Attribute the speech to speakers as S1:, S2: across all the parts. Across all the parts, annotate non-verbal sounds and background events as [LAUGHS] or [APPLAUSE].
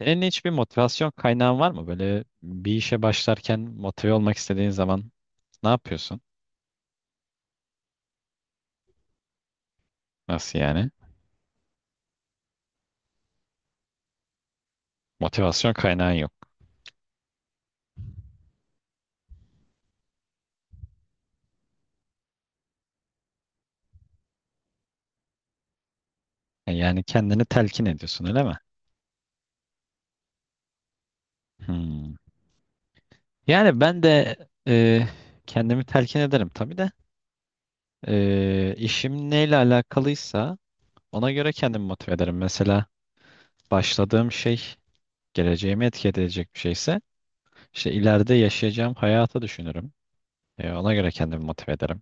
S1: Senin hiçbir motivasyon kaynağın var mı? Böyle bir işe başlarken motive olmak istediğin zaman ne yapıyorsun? Nasıl yani? Motivasyon kaynağın yok. Yani kendini telkin ediyorsun, öyle mi? Hmm. Yani ben de e, kendimi telkin ederim tabii de. İşim neyle alakalıysa ona göre kendimi motive ederim. Mesela başladığım şey geleceğimi etki edecek bir şeyse işte ileride yaşayacağım hayatı düşünürüm. Ona göre kendimi motive ederim.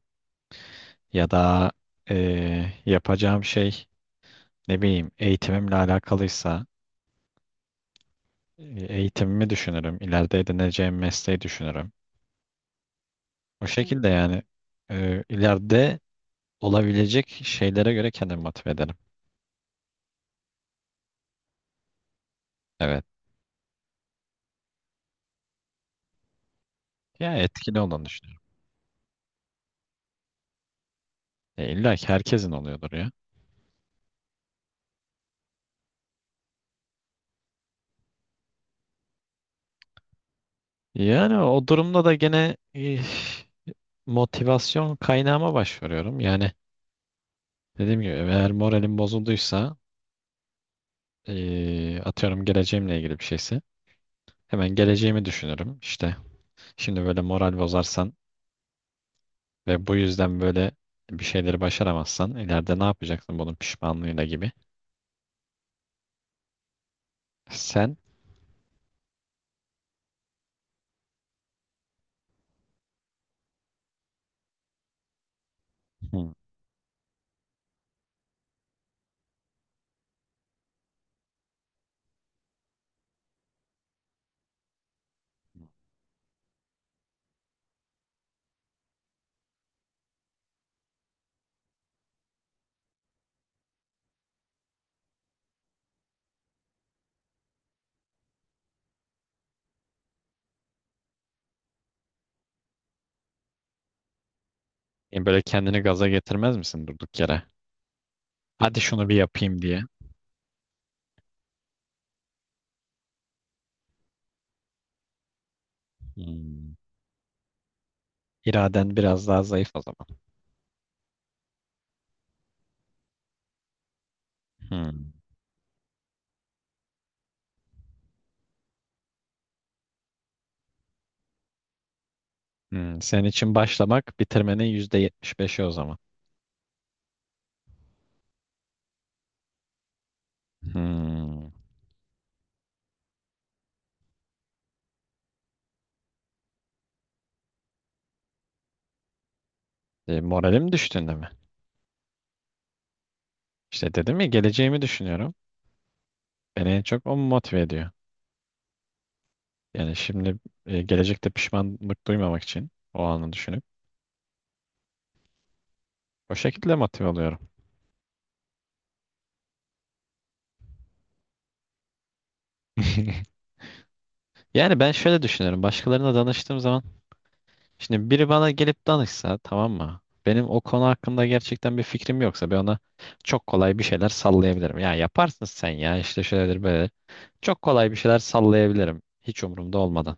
S1: Ya da yapacağım şey, ne bileyim, eğitimimle alakalıysa e, eğitimimi düşünürüm. İleride edineceğim mesleği düşünürüm. O şekilde yani ileride olabilecek şeylere göre kendimi motive ederim. Evet. Ya, etkili olduğunu düşünüyorum. İlla ki herkesin oluyordur ya. Yani o durumda da gene motivasyon kaynağıma başvuruyorum. Yani, dediğim gibi, eğer moralim bozulduysa atıyorum geleceğimle ilgili bir şeyse hemen geleceğimi düşünürüm. İşte, şimdi böyle moral bozarsan ve bu yüzden böyle bir şeyleri başaramazsan ileride ne yapacaksın, bunun pişmanlığıyla gibi. Sen hmm, yani böyle kendini gaza getirmez misin durduk yere? Hadi şunu bir yapayım diye. Hmm. İraden biraz daha zayıf o zaman. Hmm. Senin için başlamak bitirmenin %75'i o zaman. Hmm. Moralim düştüğünde mi? İşte dedim ya, geleceğimi düşünüyorum. Beni en çok o motive ediyor. Yani şimdi, gelecekte pişmanlık duymamak için o anı düşünüp. O şekilde motive oluyorum. [LAUGHS] Yani ben şöyle düşünüyorum. Başkalarına danıştığım zaman, şimdi biri bana gelip danışsa, tamam mı? Benim o konu hakkında gerçekten bir fikrim yoksa, ben ona çok kolay bir şeyler sallayabilirim. Ya yaparsın sen, ya işte şöyledir böyle. Çok kolay bir şeyler sallayabilirim hiç umurumda olmadan.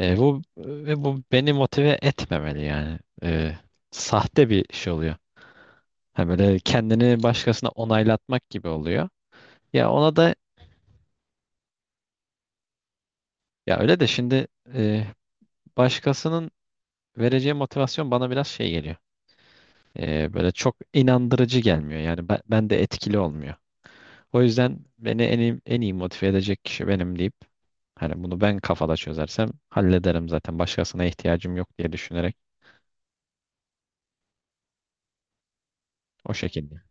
S1: Bu ve bu beni motive etmemeli yani. Sahte bir şey oluyor. Ha, böyle kendini başkasına onaylatmak gibi oluyor. Ya ona da, ya öyle de şimdi e, başkasının vereceği motivasyon bana biraz şey geliyor. Böyle çok inandırıcı gelmiyor. Yani ben de etkili olmuyor. O yüzden beni en iyi motive edecek kişi benim deyip, hani bunu ben kafada çözersem hallederim zaten. Başkasına ihtiyacım yok diye düşünerek, o şekilde.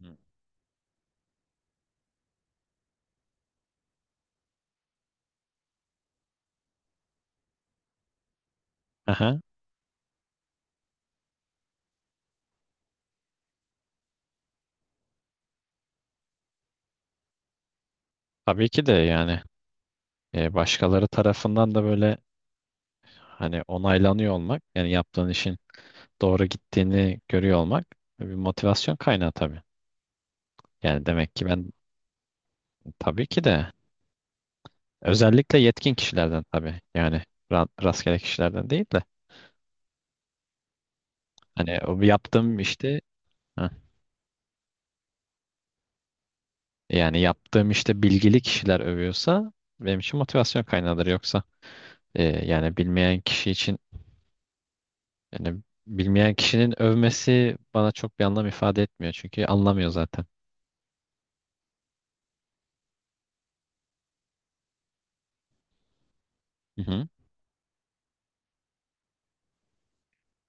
S1: Hı. Aha, tabii ki de, yani başkaları tarafından da böyle, hani, onaylanıyor olmak, yani yaptığın işin doğru gittiğini görüyor olmak bir motivasyon kaynağı tabii. Yani demek ki ben tabii ki de. Özellikle yetkin kişilerden tabii. Yani rastgele kişilerden değil de. Hani o yaptığım işte. Heh. Yani yaptığım işte bilgili kişiler övüyorsa benim için motivasyon kaynağıdır. Yoksa, yani bilmeyen kişi için, yani bilmeyen kişinin övmesi bana çok bir anlam ifade etmiyor. Çünkü anlamıyor zaten. Hı hı.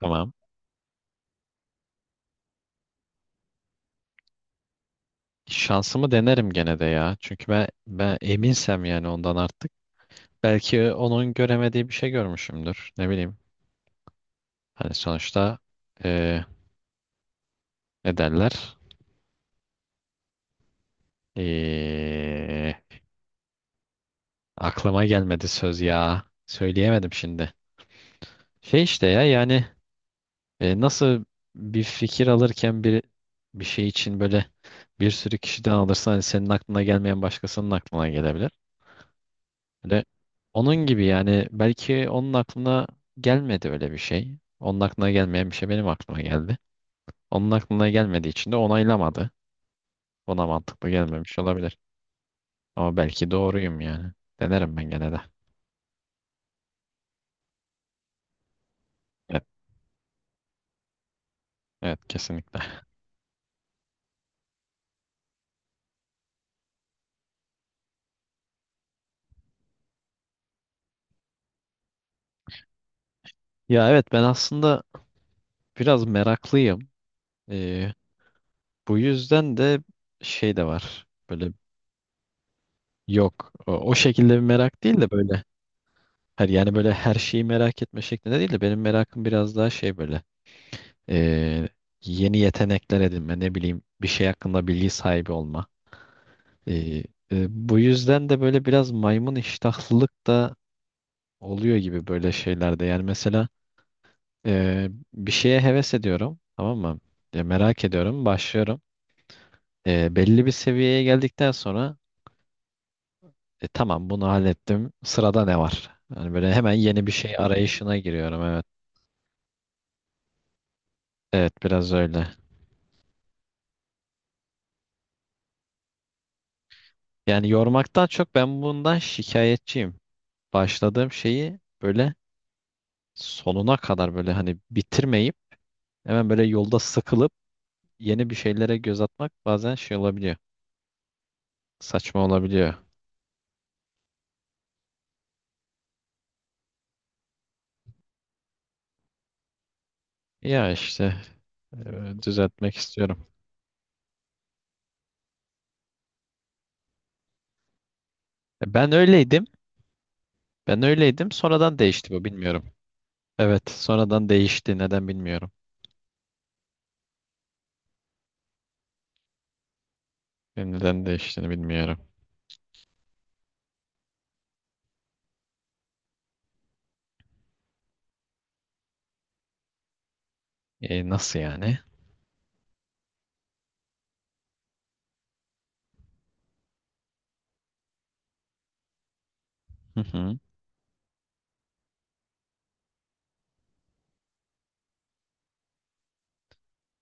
S1: Tamam. Şansımı denerim gene de ya. Çünkü ben eminsem yani ondan artık. Belki onun göremediği bir şey görmüşümdür. Ne bileyim. Hani sonuçta, e, ne derler? Ee, Aklıma gelmedi söz ya. Söyleyemedim şimdi. Şey, işte, ya, yani nasıl bir fikir alırken, bir şey için böyle bir sürü kişiden alırsan, hani senin aklına gelmeyen başkasının aklına gelebilir. Böyle, onun gibi yani, belki onun aklına gelmedi öyle bir şey. Onun aklına gelmeyen bir şey benim aklıma geldi. Onun aklına gelmediği için de onaylamadı. Ona mantıklı gelmemiş olabilir. Ama belki doğruyum yani. Denerim ben gene de. Evet, evet, kesinlikle. Ya evet, ben aslında biraz meraklıyım. Ee, Bu yüzden de şey de var. Böyle, yok, o şekilde bir merak değil de, böyle her, yani böyle her şeyi merak etme şeklinde değil de, benim merakım biraz daha şey böyle, ee, yeni yetenekler edinme, ne bileyim, bir şey hakkında bilgi sahibi olma. Ee, Bu yüzden de böyle biraz maymun iştahlılık da oluyor gibi böyle şeylerde. Yani mesela, bir şeye heves ediyorum, tamam mı? Ya merak ediyorum, başlıyorum. Belli bir seviyeye geldikten sonra, Tamam, bunu hallettim. Sırada ne var?" Yani böyle hemen yeni bir şey arayışına giriyorum. Evet. Evet, biraz öyle. Yani yormaktan çok ben bundan şikayetçiyim. Başladığım şeyi böyle sonuna kadar böyle, hani, bitirmeyip hemen böyle yolda sıkılıp yeni bir şeylere göz atmak bazen şey olabiliyor. Saçma olabiliyor. Ya işte, düzeltmek istiyorum. Ben öyleydim. Ben öyleydim. Sonradan değişti bu, bilmiyorum. Evet, sonradan değişti. Neden bilmiyorum. Benim neden değiştiğini bilmiyorum. Nasıl yani? Hı hı.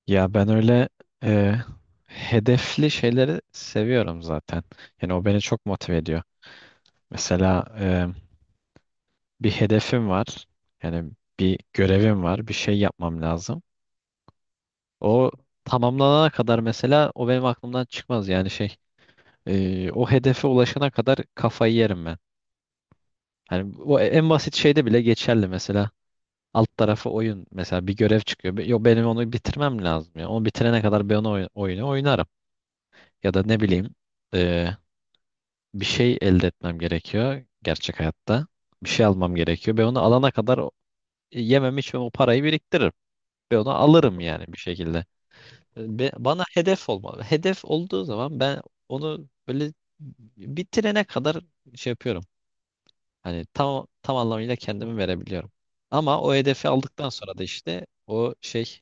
S1: Ya ben öyle e, hedefli şeyleri seviyorum zaten. Yani o beni çok motive ediyor. Mesela bir hedefim var. Yani bir görevim var. Bir şey yapmam lazım. O tamamlanana kadar mesela o benim aklımdan çıkmaz. Yani şey, o hedefe ulaşana kadar kafayı yerim ben. Hani o en basit şeyde bile geçerli. Mesela, alt tarafı oyun. Mesela bir görev çıkıyor. Yo, benim onu bitirmem lazım ya. Onu bitirene kadar ben o oyunu oynarım. Ya da ne bileyim, e, bir şey elde etmem gerekiyor gerçek hayatta. Bir şey almam gerekiyor. Ben onu alana kadar yemem içmem, o parayı biriktiririm. Ben onu alırım yani bir şekilde. Bana hedef olmalı. Hedef olduğu zaman ben onu böyle bitirene kadar şey yapıyorum. Hani tam anlamıyla kendimi verebiliyorum. Ama o hedefi aldıktan sonra da işte o şey,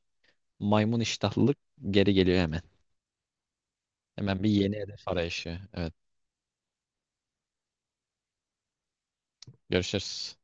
S1: maymun iştahlılık geri geliyor hemen. Hemen bir yeni hedef arayışı. Evet. Görüşürüz.